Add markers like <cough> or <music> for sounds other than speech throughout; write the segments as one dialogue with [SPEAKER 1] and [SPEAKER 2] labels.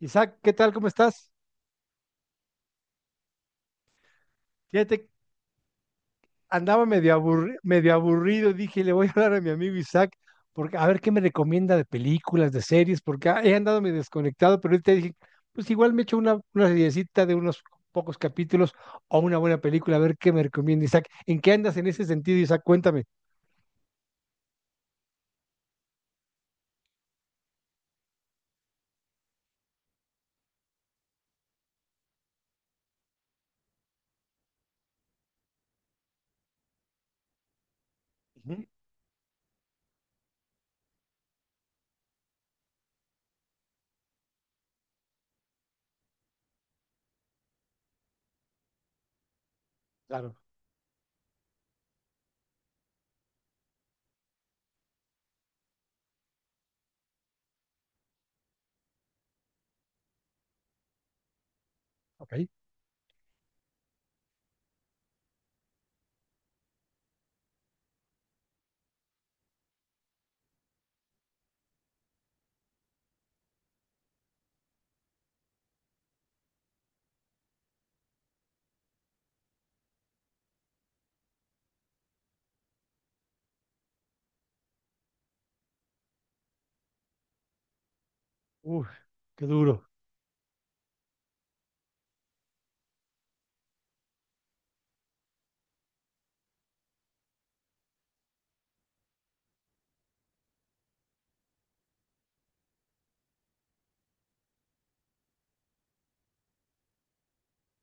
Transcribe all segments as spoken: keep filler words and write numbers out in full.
[SPEAKER 1] Isaac, ¿qué tal? ¿Cómo estás? Fíjate, andaba medio aburri- medio aburrido, dije, le voy a hablar a mi amigo Isaac, porque a ver qué me recomienda de películas, de series, porque ah, he andado medio desconectado, pero ahorita dije, pues igual me echo una, una seriecita de unos pocos capítulos o una buena película, a ver qué me recomienda Isaac. ¿En qué andas en ese sentido, Isaac? Cuéntame. Ujú. Claro. Ok. Uf, qué duro.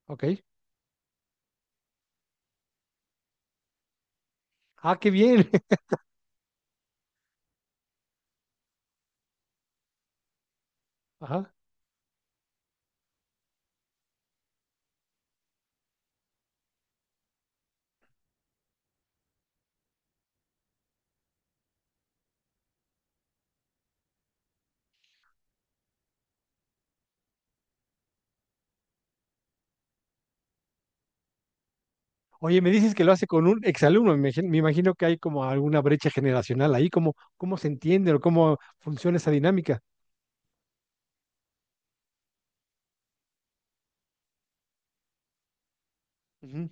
[SPEAKER 1] Ok. Ah, qué bien. <laughs> Ajá. Oye, me dices que lo hace con un exalumno, me imagino, me imagino que hay como alguna brecha generacional ahí, ¿cómo, cómo se entiende o cómo funciona esa dinámica? Ujú.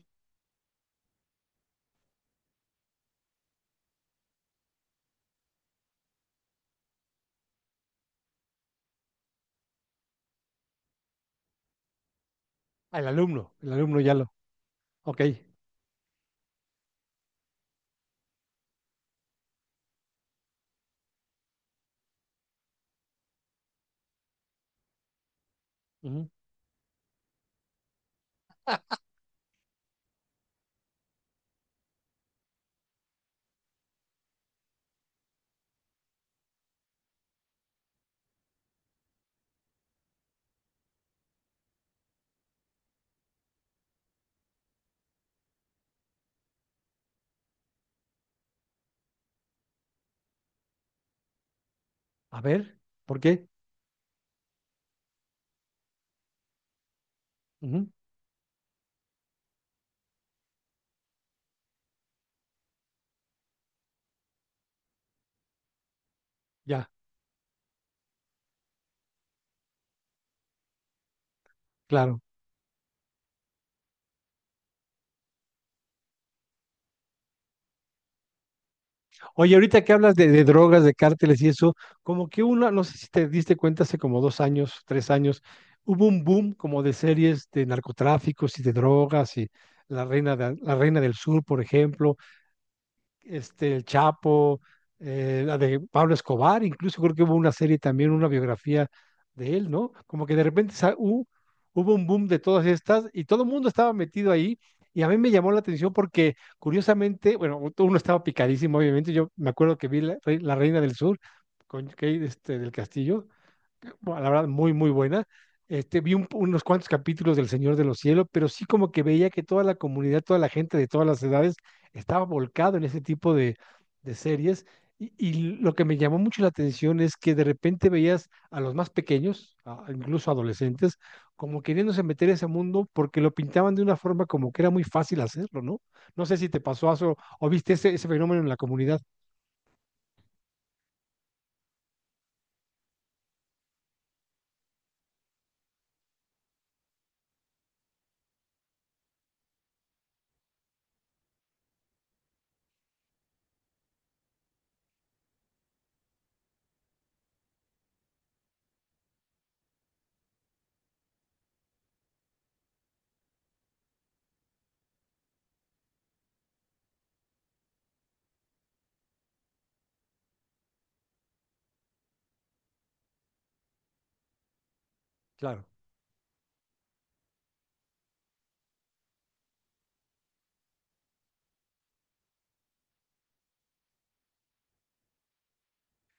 [SPEAKER 1] Ah, el alumno, el alumno ya lo, ok. Ujú. A ver, ¿por qué? Ujú. Ya, claro. Oye, ahorita que hablas de, de drogas, de cárteles y eso, como que una, no sé si te diste cuenta hace como dos años, tres años, hubo un boom como de series de narcotráficos y de drogas y La Reina, de- La Reina del Sur, por ejemplo, este, El Chapo, eh, la de Pablo Escobar, incluso creo que hubo una serie también, una biografía de él, ¿no? Como que de repente sa- hu- hubo un boom de todas estas y todo el mundo estaba metido ahí. Y a mí me llamó la atención porque, curiosamente, bueno, uno estaba picadísimo, obviamente. Yo me acuerdo que vi La, Re- La Reina del Sur con Kate, este, del Castillo, bueno, la verdad, muy, muy buena. Este, vi un- unos cuantos capítulos del Señor de los Cielos, pero sí como que veía que toda la comunidad, toda la gente de todas las edades estaba volcado en ese tipo de, de series. Y, y lo que me llamó mucho la atención es que de repente veías a los más pequeños, a- a incluso adolescentes, como queriéndose meter a ese mundo porque lo pintaban de una forma como que era muy fácil hacerlo, ¿no? No sé si te pasó eso o viste ese, ese fenómeno en la comunidad. Claro.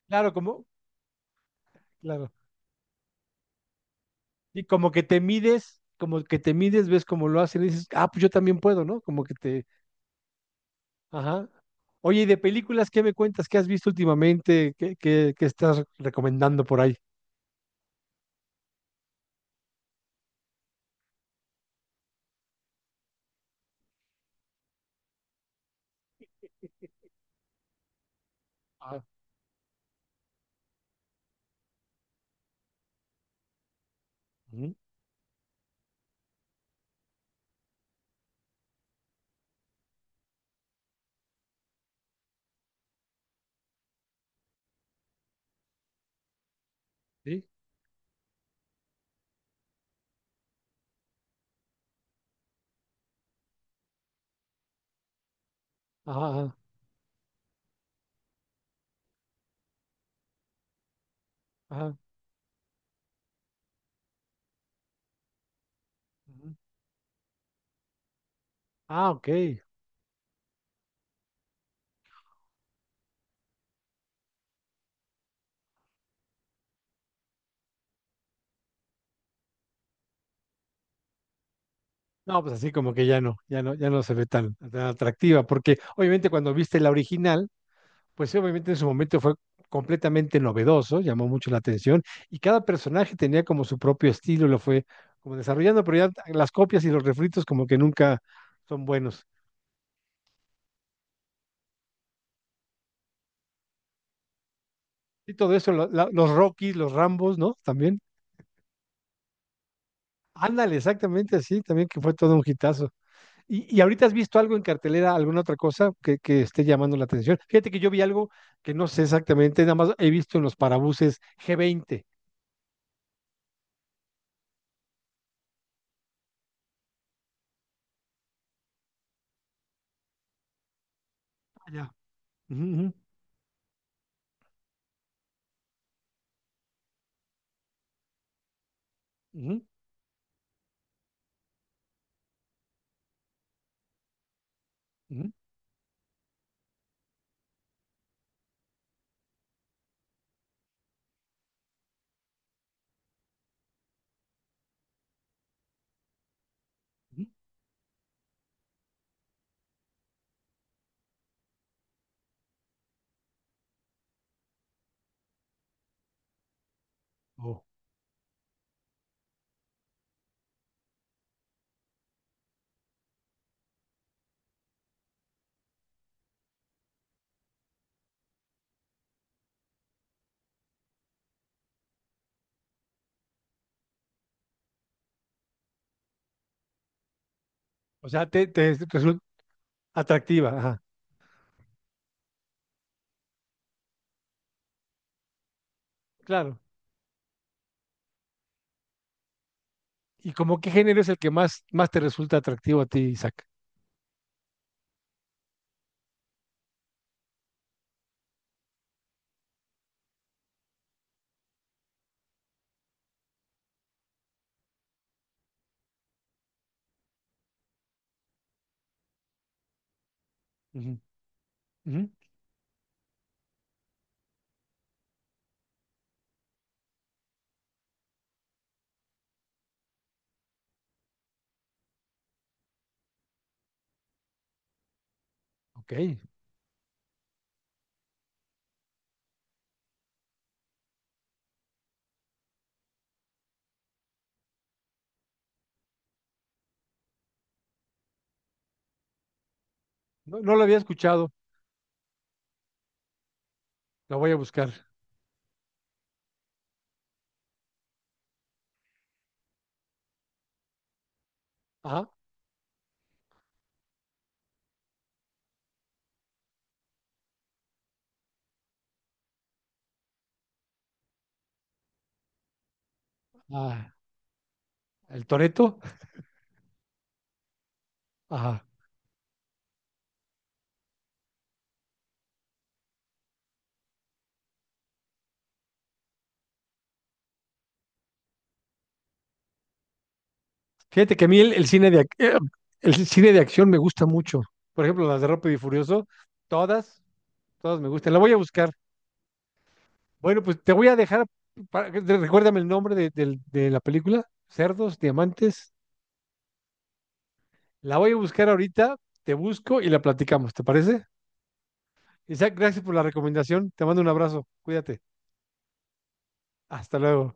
[SPEAKER 1] Claro, como, claro. Y como que te mides, como que te mides, ves cómo lo hacen y dices, ah, pues yo también puedo, ¿no? Como que te, ajá. Oye, y de películas, ¿qué me cuentas? ¿Qué has visto últimamente? ¿Qué, qué, qué estás recomendando por ahí? Ah, ujú, sí, ajá, ajá, ajá, ujú. Ah, ok. No, pues así como que ya no, ya no, ya no se ve tan, tan atractiva, porque obviamente cuando viste la original, pues sí, obviamente en su momento fue completamente novedoso, llamó mucho la atención y cada personaje tenía como su propio estilo, lo fue como desarrollando, pero ya las copias y los refritos como que nunca son buenos. Y todo eso, lo- la- los Rocky los Rambos, ¿no? También. Ándale, exactamente así, también que fue todo un hitazo. ¿Y, y ahorita has visto algo en cartelera, alguna otra cosa que, que esté llamando la atención? Fíjate que yo vi algo que no sé exactamente, nada más he visto en los parabuses G veinte. Allá. O sea, te, te resulta atractiva, ajá, claro. ¿Y como qué género es el que más, más te resulta atractivo a ti, Isaac? Ujú, ujú. Ok, no, no lo había escuchado, lo voy a buscar. Ajá, ah, el Toretto, ajá. Fíjate que a mí el, el cine de, ac- eh, el cine de acción me gusta mucho. Por ejemplo, las de Rápido y Furioso, todas, todas me gustan. La voy a buscar. Bueno, pues te voy a dejar, para- recuérdame el nombre de, del- de la película, Cerdos, Diamantes. La voy a buscar ahorita, te busco y la platicamos, ¿te parece? Isaac, gracias por la recomendación. Te mando un abrazo. Cuídate. Hasta luego.